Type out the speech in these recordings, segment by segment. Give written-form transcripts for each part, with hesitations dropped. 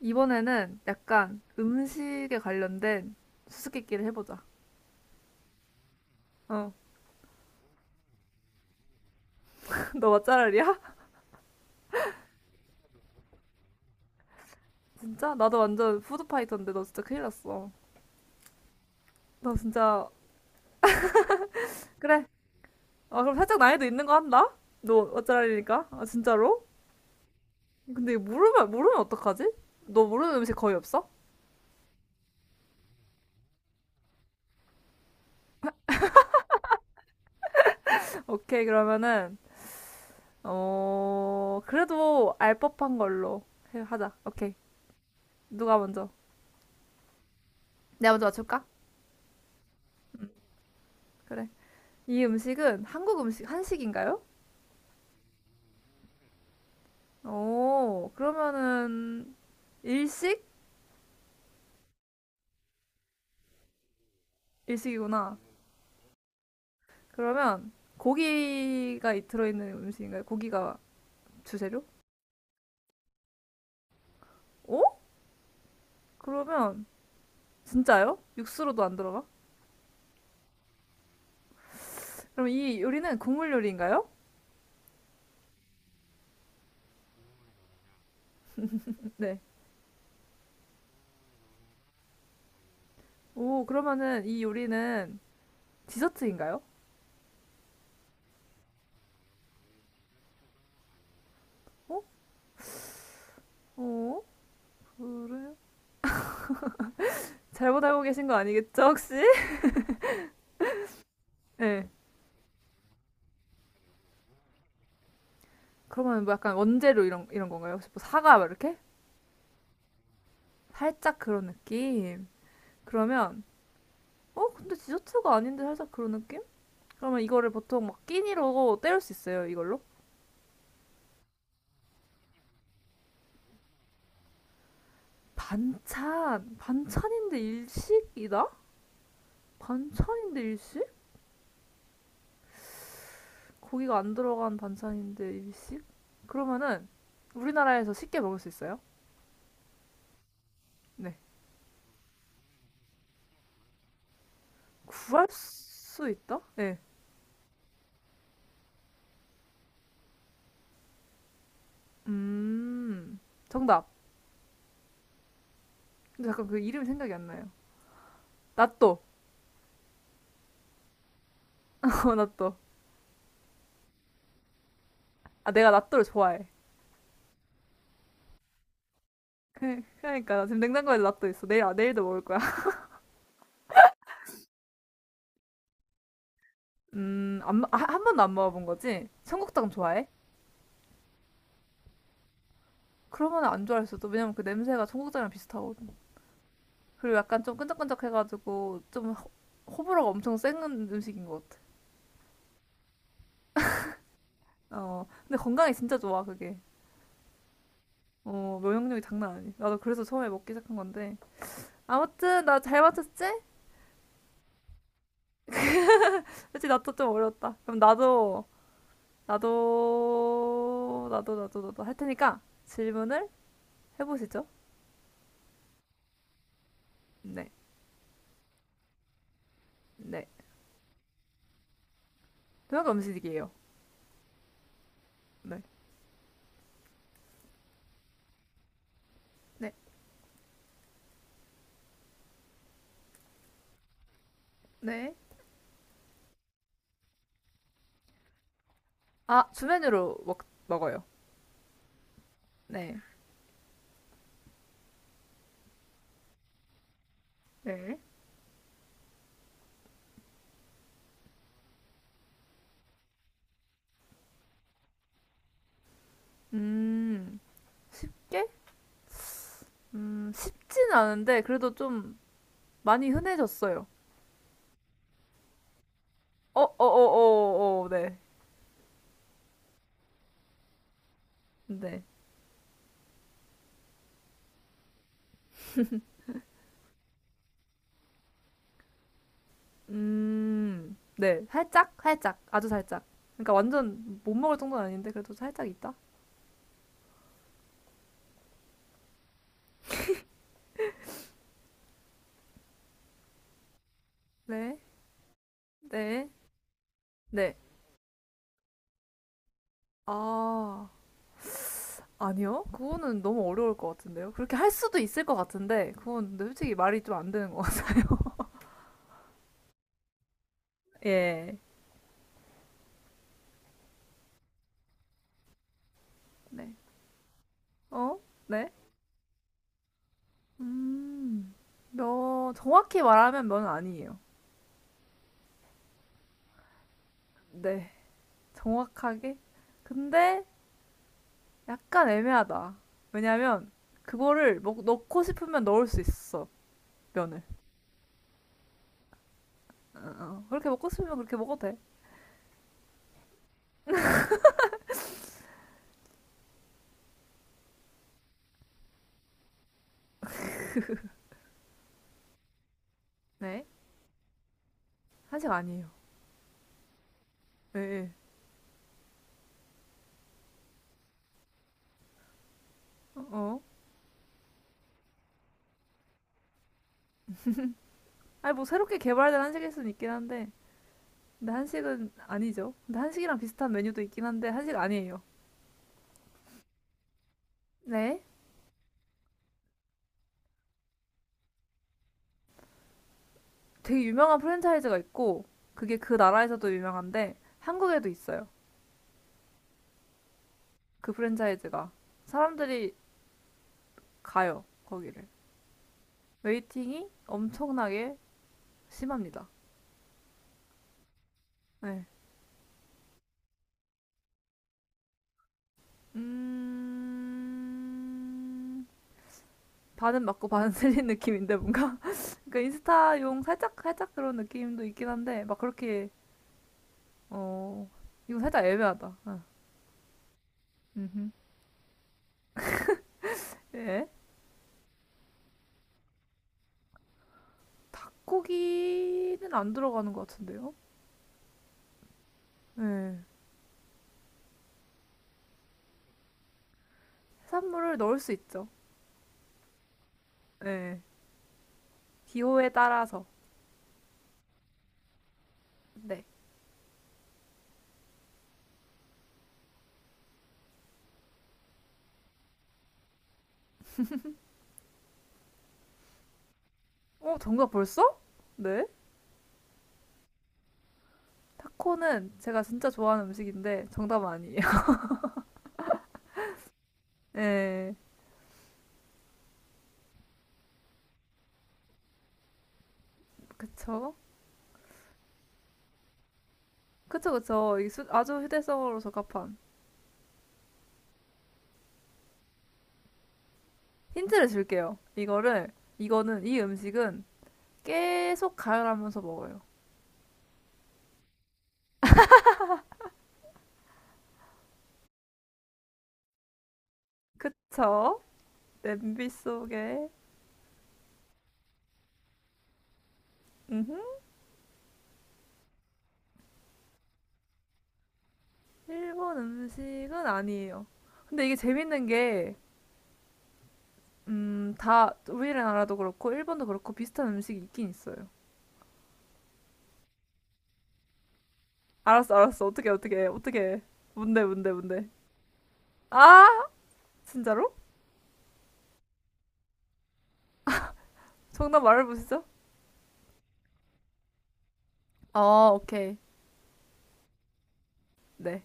이번에는 약간 음식에 관련된 수수께끼를 해보자. 어. 너 맛잘알이야? 진짜? 나도 완전 푸드파이터인데 너 진짜 큰일 났어. 너 진짜. 그래. 아, 그럼 살짝 난이도 있는 거 한다? 너 맛잘알이니까? 아, 진짜로? 근데 이거 모르면 어떡하지? 너 모르는 음식 거의 없어? 오케이, 그러면은, 어, 그래도 알 법한 걸로 하자. 오케이. 누가 먼저? 내가 먼저 맞출까? 그래. 이 음식은 한국 음식, 한식인가요? 오, 그러면은 일식? 일식이구나. 그러면 고기가 들어있는 음식인가요? 고기가 주재료? 오? 그러면 진짜요? 육수로도 안 들어가? 그럼 이 요리는 국물 요리인가요? 네. 오, 그러면은 이 요리는 디저트인가요? 어? 어? 그래요? 잘못 알고 계신 거 아니겠죠, 혹시? 네. 그러면 뭐 약간 원재료 이런 건가요? 혹시 뭐 사과 막 이렇게? 살짝 그런 느낌. 그러면 어, 근데 디저트가 아닌데 살짝 그런 느낌? 그러면 이거를 보통 막 끼니로 때울 수 있어요, 이걸로. 반찬, 반찬인데 일식이다? 반찬인데 일식? 고기가 안 들어간 반찬인데 일식? 그러면은 우리나라에서 쉽게 먹을 수 있어요? 네. 구할 수 있다? 네. 음, 정답. 근데 잠깐 그 이름이 생각이 안 나요. 나또. 어, 나또. 아, 내가 나또를 좋아해. 그러니까 나 지금 냉장고에 나또 있어. 내일도 먹을 거야. 안, 아, 한 번도 안 먹어본 거지? 청국장 좋아해? 그러면 안 좋아할 수도. 왜냐면 그 냄새가 청국장이랑 비슷하거든. 그리고 약간 좀 끈적끈적해가지고 호불호가 엄청 센 음식인 것 같아. 어, 근데 건강에 진짜 좋아, 그게. 어, 면역력이 장난 아니. 나도 그래서 처음에 먹기 시작한 건데. 아무튼, 나 잘 맞췄지? 그치, 나도 좀 어려웠다. 그럼 나도 할 테니까 질문을 해보시죠. 네, 네. 동양 음식이에요. 네, 네, 네. 아, 먹어요. 네. 네. 음, 쉽게? 쉽진 않은데, 그래도 좀 많이 흔해졌어요. 네. 네. 네. 살짝? 살짝. 아주 살짝. 그러니까 완전 못 먹을 정도는 아닌데, 그래도 살짝 있다? 네. 네. 네. 아, 아니요? 그거는 너무 어려울 것 같은데요? 그렇게 할 수도 있을 것 같은데, 그건 근데 솔직히 말이 좀 안 되는 것 같아요. 예. 네. 어? 네? 음, 정확히 말하면 면 아니에요. 네, 정확하게. 근데 약간 애매하다. 왜냐면 넣고 싶으면 넣을 수 있어, 면을. 어. 그렇게 먹고 싶으면 그렇게 먹어도 돼. 네, 한식 아니에요. 예. 어. 아니, 뭐 새롭게 개발된 한식일 수는 있긴 한데. 근데 한식은 아니죠. 근데 한식이랑 비슷한 메뉴도 있긴 한데, 한식 아니에요. 네, 되게 유명한 프랜차이즈가 있고, 그게 그 나라에서도 유명한데, 한국에도 있어요. 그 프랜차이즈가 사람들이 가요 거기를 웨이팅이 엄청나게 심합니다. 네. 음... 반은 맞고 반은 틀린 느낌인데 뭔가 그러니까 인스타용 살짝 그런 느낌도 있긴 한데 막 그렇게 어 이거 살짝 애매하다. 어. 음흠. 예. 고기는 안 들어가는 것 같은데요. 네. 해산물을 넣을 수 있죠. 네. 기호에 따라서. 네. 어 정답 벌써? 네. 타코는 제가 진짜 좋아하는 음식인데 정답은 아니에요. 네, 그쵸? 그쵸. 아주 휴대성으로 적합한. 힌트를 줄게요. 이거는, 이 음식은 계속 가열하면서 먹어요. 그쵸? 냄비 속에. 음흠. 일본 음식은 아니에요. 근데 이게 재밌는 게, 우리나라도 그렇고, 일본도 그렇고, 비슷한 음식이 있긴 있어요. 알았어. 어떻게. 뭔데. 아! 진짜로? 정답 말해보시죠. 아, 오케이. 네.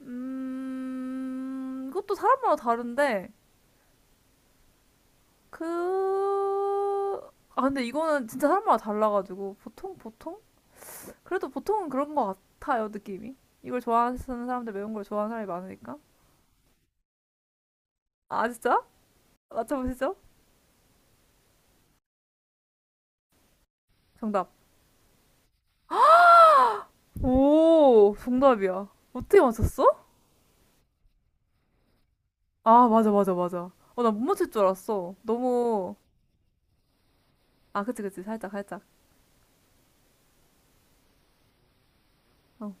이것도 사람마다 다른데, 그, 근데 이거는 진짜 사람마다 달라가지고, 보통? 그래도 보통은 그런 것 같아요, 느낌이. 이걸 좋아하는 사람들, 매운 걸 좋아하는 사람이 많으니까. 아, 진짜? 맞춰보시죠. 정답. 오, 정답이야. 어떻게 맞췄어? 아, 맞아. 어, 나 못 맞힐 줄 알았어. 너무, 그치. 살짝. 어,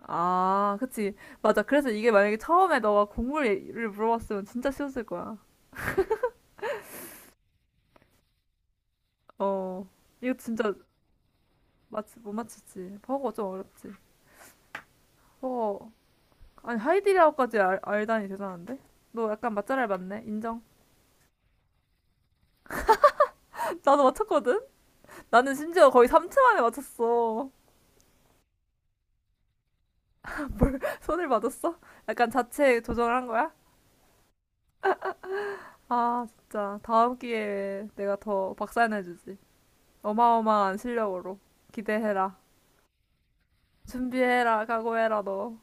아, 그치. 맞아. 그래서 이게 만약에 처음에 너가 곡물을 물어봤으면 진짜 쉬웠을 거야. 어, 이거 진짜 맞지, 못 맞히지. 버거 좀 어렵지. 버거. 아니, 알다니 대단한데? 너 약간 맛잘알 맞네. 인정. 나도 맞췄거든? 나는 심지어 거의 3초 만에 맞췄어. 손을 맞았어? 약간 자체 조정을 한 거야? 아, 진짜. 다음 기회에 내가 더 박살내주지. 어마어마한 실력으로. 기대해라. 준비해라. 각오해라, 너.